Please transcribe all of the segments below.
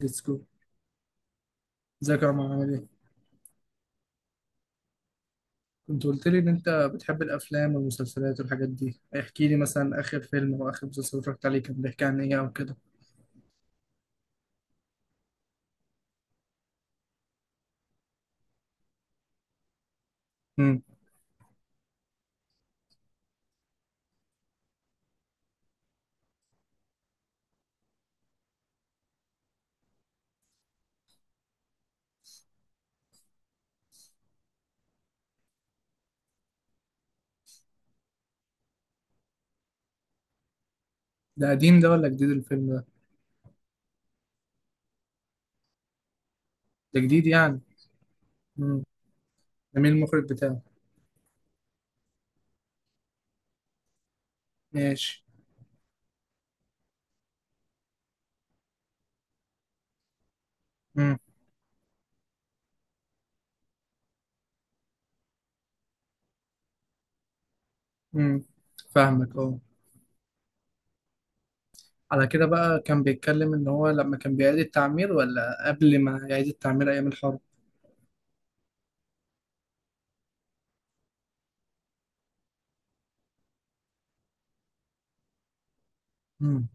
ليتس جو. ازيك يا عمر، عامل ايه؟ كنت قلت لي ان انت بتحب الافلام والمسلسلات والحاجات دي. احكي لي مثلا اخر فيلم او اخر مسلسل اتفرجت عليه كان بيحكي عن ايه او كده. امم. ده قديم ده ولا جديد الفيلم ده؟ ده جديد يعني. امم. ده مين المخرج بتاعه؟ ماشي. امم. امم. فاهمك. اه. على كده بقى، كان بيتكلم ان هو لما كان بيعيد التعمير ولا قبل ما يعيد التعمير ايام الحرب؟ امم.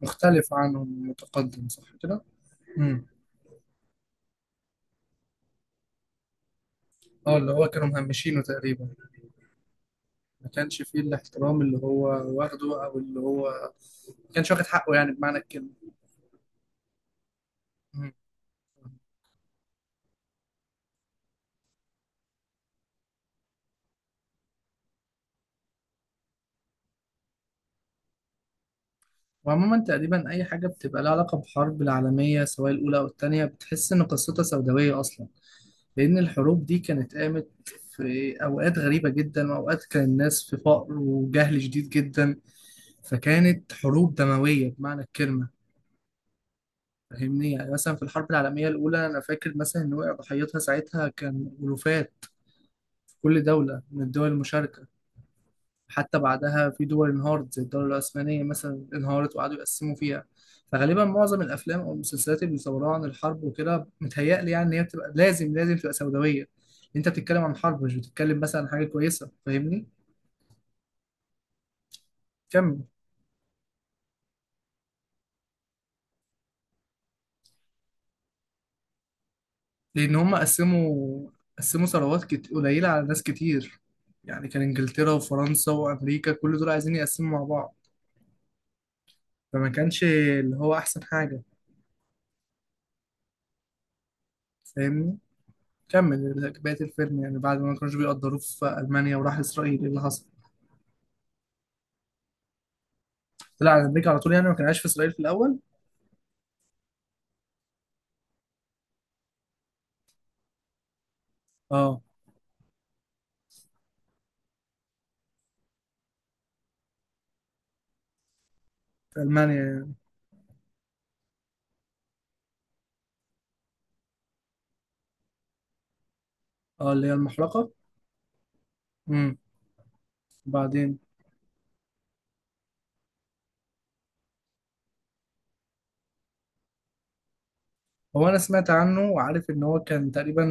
مختلف عنهم، متقدم، صح كده؟ امم. اه، اللي هو كانوا مهمشينه تقريبا. ما كانش فيه الاحترام اللي هو واخده، او اللي هو ما كانش واخد حقه يعني بمعنى الكلمه. مم. وعموما تقريبا اي حاجه بتبقى لها علاقه بحرب العالميه سواء الاولى او الثانيه بتحس ان قصتها سوداويه اصلا، لان الحروب دي كانت قامت في اوقات غريبه جدا، واوقات كان الناس في فقر وجهل شديد جدا. فكانت حروب دمويه بمعنى الكلمه. فاهمني، يعني مثلا في الحرب العالميه الاولى انا فاكر مثلا ان وقع ضحيتها ساعتها كان الوفات في كل دوله من الدول المشاركه. حتى بعدها في دول انهارت زي الدولة العثمانية مثلا انهارت وقعدوا يقسموا فيها. فغالبا معظم الافلام او المسلسلات اللي بيصوروها عن الحرب وكده متهيألي يعني ان هي بتبقى لازم لازم تبقى سوداوية. انت بتتكلم عن حرب، مش بتتكلم مثلا عن حاجة كويسة، فاهمني. كمل. لان هم قسموا ثروات قليلة على ناس كتير. يعني كان انجلترا وفرنسا وامريكا كل دول عايزين يقسموا مع بعض. فما كانش اللي هو احسن حاجة. فاهمني. كمل. بقية الفيلم يعني بعد ما كانوش بيقدروه في ألمانيا وراح إسرائيل، إيه اللي حصل؟ طلع على أمريكا على طول يعني، ما كان عايش في إسرائيل في الأول؟ أه. في ألمانيا يعني. أه، اللي هي المحرقة. امم. بعدين. هو أنا سمعت عنه وعارف إن هو كان تقريبا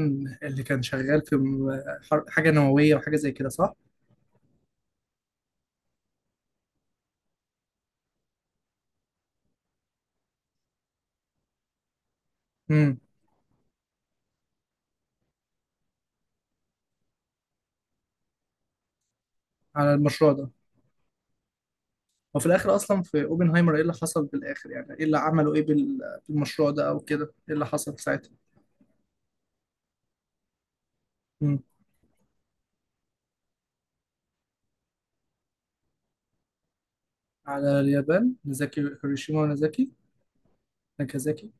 اللي كان شغال في حاجة نووية وحاجة زي كده، صح؟ امم. على المشروع ده. وفي الآخر أصلا في أوبنهايمر إيه اللي حصل في الآخر؟ يعني إيه اللي عملوا، إيه بالمشروع ده أو كده، إيه اللي حصل ساعتها؟ امم. على اليابان، هيروشيما ونازاكي. ناكازاكي.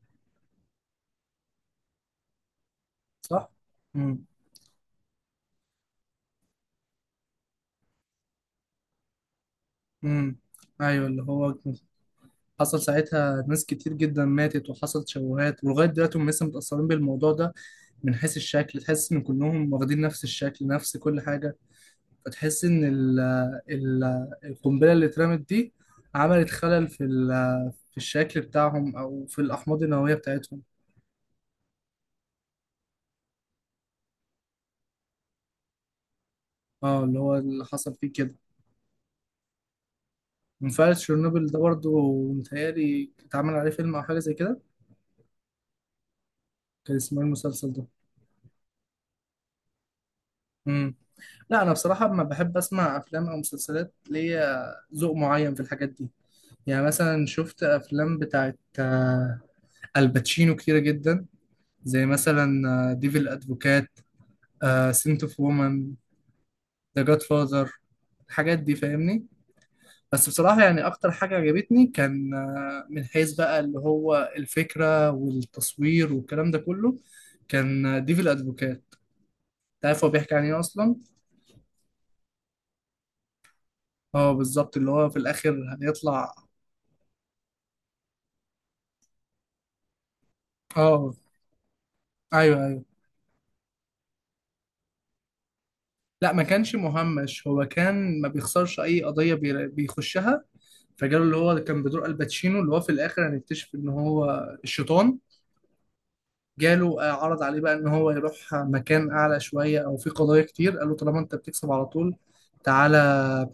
صح؟ امم. امم. ايوه، اللي هو حصل ساعتها ناس كتير جدا ماتت، وحصل تشوهات، ولغايه دلوقتي هم لسه متاثرين بالموضوع ده. من حيث الشكل تحس ان كلهم واخدين نفس الشكل، نفس كل حاجه. فتحس ان ال ال القنبله اللي اترمت دي عملت خلل في في الشكل بتاعهم، او في الاحماض النوويه بتاعتهم. اه، اللي هو اللي حصل فيه كده. منفعل تشيرنوبل ده برضه، متهيألي اتعمل عليه فيلم او حاجه زي كده. كان اسمه إيه المسلسل ده؟ لا، انا بصراحه ما بحب اسمع افلام او مسلسلات. ليا ذوق معين في الحاجات دي. يعني مثلا شفت افلام بتاعت الباتشينو كتيره جدا، زي مثلا ديفل ادفوكات، سنت اوف وومن، ذا جاد فاذر. الحاجات دي، فاهمني. بس بصراحه، يعني اكتر حاجه عجبتني كان من حيث بقى اللي هو الفكره والتصوير والكلام ده كله، كان ديفل ادفوكات. تعرف هو بيحكي عن ايه اصلا؟ اه، بالظبط اللي هو في الاخر هيطلع. اه. ايوه ايوه. لا، ما كانش مهمش، هو كان ما بيخسرش اي قضيه بيخشها. فجاله اللي هو كان بدور الباتشينو، اللي هو في الاخر هنكتشف ان هو الشيطان. جاله عرض عليه بقى ان هو يروح مكان اعلى شويه، او في قضايا كتير قال له طالما انت بتكسب على طول تعالى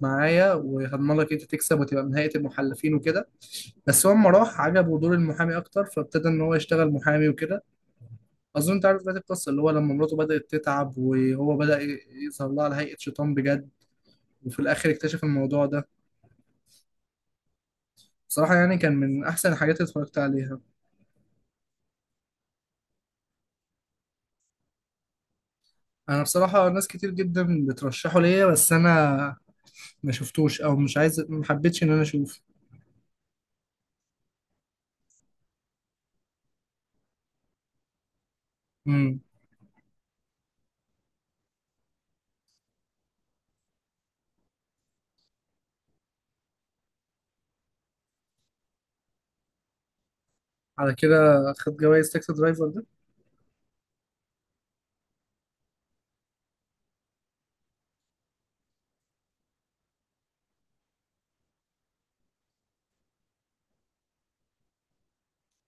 معايا وهضمن لك انت تكسب وتبقى من هيئه المحلفين وكده. بس هو اما راح عجبه دور المحامي اكتر، فابتدى ان هو يشتغل محامي وكده. اظن انت عارف بقى القصه، اللي هو لما مراته بدات تتعب وهو بدا يظهر لها على هيئه شيطان بجد. وفي الاخر اكتشف الموضوع ده. بصراحة يعني كان من احسن الحاجات اللي اتفرجت عليها. انا بصراحة ناس كتير جدا بترشحه ليا بس انا ما شفتوش، او مش عايز، ما حبيتش ان انا اشوف. امم. على كده خد جوائز تاكسي درايفر ده؟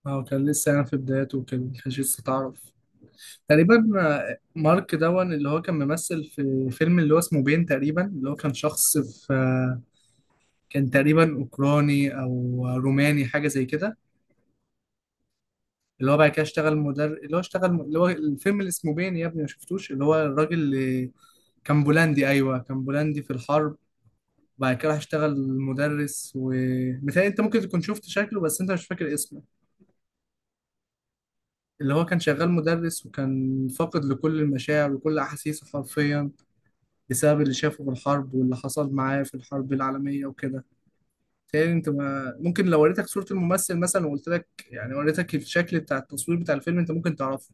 اه، كان لسه يعني في بداياته وكده، ما كانش لسه تعرف تقريبا. مارك دون اللي هو كان ممثل في فيلم اللي هو اسمه بين، تقريبا اللي هو كان شخص في كان تقريبا اوكراني او روماني، حاجة زي كده. اللي هو بعد كده اشتغل مدرب، اللي هو اشتغل اللي هو الفيلم اللي اسمه بين يا ابني، ما شفتوش؟ اللي هو الراجل اللي كان بولندي. ايوه كان بولندي في الحرب، وبعد كده راح اشتغل مدرس، ومتهيألي انت ممكن تكون شفت شكله بس انت مش فاكر اسمه. اللي هو كان شغال مدرس وكان فاقد لكل المشاعر وكل احاسيسه حرفيا، بسبب اللي شافه في الحرب واللي حصل معاه في الحرب العالمية وكده. متهيألي انت ما ممكن لو وريتك صورة الممثل مثلا وقلت لك يعني، وريتك الشكل بتاع التصوير بتاع الفيلم، انت ممكن تعرفه.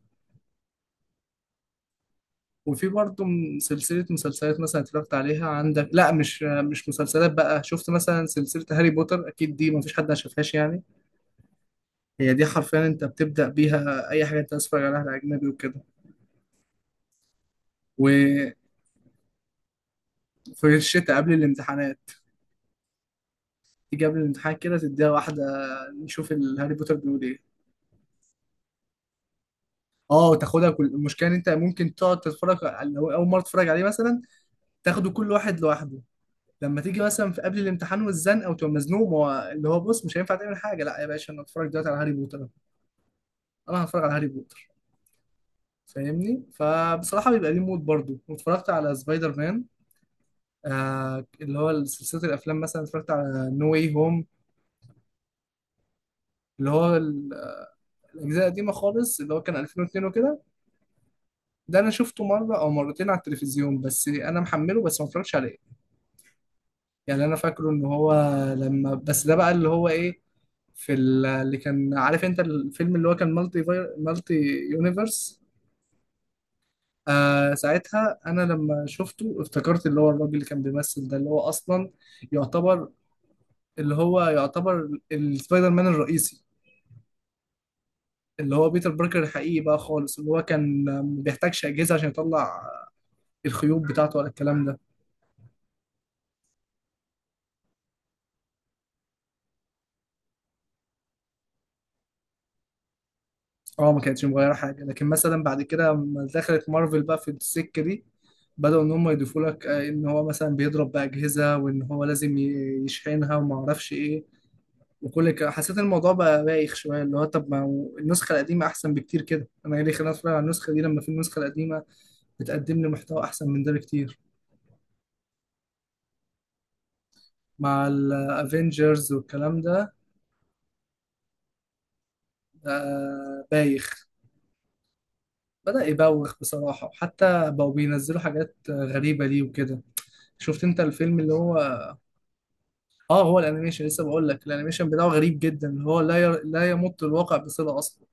وفي برضه من سلسلة مسلسلات مثلا اتفرجت عليها عندك. لا، مش مسلسلات بقى، شفت مثلا سلسلة هاري بوتر، أكيد دي مفيش حد ما شافهاش يعني. هي دي حرفيا أنت بتبدأ بيها أي حاجة أنت عايز تتفرج عليها أجنبي وكده. وفي الشتاء قبل الامتحانات تيجي قبل الامتحان كده تديها واحدة، نشوف الهاري بوتر بيقول إيه. اه، تاخدها. كل المشكلة إن أنت ممكن تقعد تتفرج لو أول مرة تتفرج عليه مثلا تاخده كل واحد لوحده. لما تيجي مثلا في قبل الامتحان والزنقه وتبقى مزنوق، ما هو اللي هو بص مش هينفع تعمل حاجه، لا يا باشا انا اتفرج دلوقتي على هاري بوتر. انا هتفرج على هاري بوتر. فاهمني، فبصراحه بيبقى ليه مود. برضو واتفرجت على سبايدر مان، اللي هو سلسله الافلام، مثلا اتفرجت على نو واي هوم، اللي هو الاجزاء القديمه خالص اللي هو كان 2002 وكده. ده انا شفته مره او مرتين على التلفزيون بس انا محمله، بس ما اتفرجتش عليه. يعني انا فاكره ان هو لما بس، ده بقى اللي هو ايه، اللي كان عارف انت الفيلم اللي هو كان مالتي فاير، مالتي يونيفرس. ساعتها انا لما شفته افتكرت اللي هو الراجل اللي كان بيمثل ده اللي هو اصلا يعتبر، اللي هو يعتبر السبايدر مان الرئيسي، اللي هو بيتر باركر الحقيقي بقى خالص، اللي هو كان ما بيحتاجش اجهزه عشان يطلع الخيوط بتاعته ولا الكلام ده. اه، ما كانتش مغيره حاجه. لكن مثلا بعد كده لما دخلت مارفل بقى في السكه دي، بدأوا إن هم يضيفوا لك إن هو مثلا بيضرب بأجهزة وإن هو لازم يشحنها وما أعرفش إيه. وكل كده حسيت إن الموضوع بقى بايخ شويه، اللي هو طب ما هو النسخه القديمه احسن بكتير كده، انا ايه اللي خلاني اتفرج على النسخه دي لما في النسخه القديمه بتقدم لي محتوى احسن من ده بكتير. مع الافينجرز والكلام ده. بايخ. بدأ يبوخ بصراحة، وحتى بقوا بينزلوا حاجات غريبة ليه وكده. شفت انت الفيلم اللي هو. اه، هو الانيميشن. لسه بقول لك الانيميشن بتاعه غريب جدا، اللي هو لا يمت الواقع بصلة اصلا.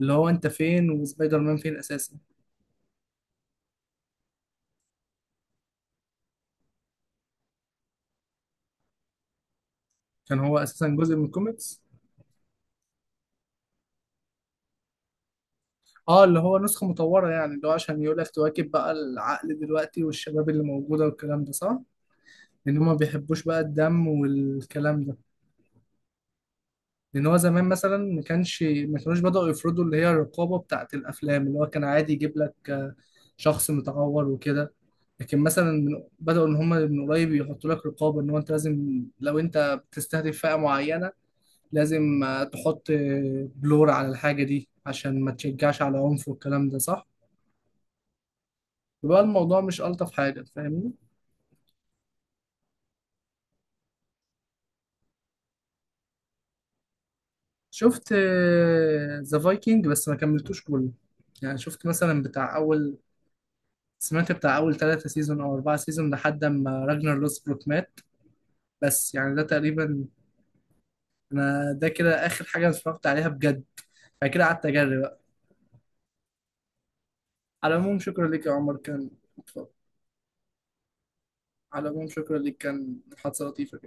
اللي هو انت فين وسبايدر مان فين اساسا. كان هو اساسا جزء من الكوميكس. اه، اللي هو نسخة مطورة يعني، اللي هو عشان يقول لك تواكب بقى العقل دلوقتي والشباب اللي موجودة والكلام ده، صح؟ لأن هما ما بيحبوش بقى الدم والكلام ده. لأن هو زمان مثلا ما كانوش بدأوا يفرضوا اللي هي الرقابة بتاعة الأفلام. اللي هو كان عادي يجيب لك شخص متعور وكده. لكن مثلا بدأوا إن هما من قريب يحطوا لك رقابة، إن هو أنت لازم لو أنت بتستهدف فئة معينة لازم تحط بلور على الحاجة دي عشان ما تشجعش على عنف والكلام ده، صح؟ بقى الموضوع مش ألطف حاجة، فاهمني. شفت ذا فايكنج بس ما كملتوش كله. يعني شفت مثلا بتاع أول سمعت بتاع أول 3 سيزون أو 4 سيزون لحد ما راجنر لوسبروك مات. بس يعني ده تقريبا. أنا ده كده آخر حاجة أنا اتفرجت عليها بجد. بعد كده قعدت أجري بقى. على العموم شكرا ليك يا عمر كان. على العموم شكرا ليك كان محادثة لطيفة.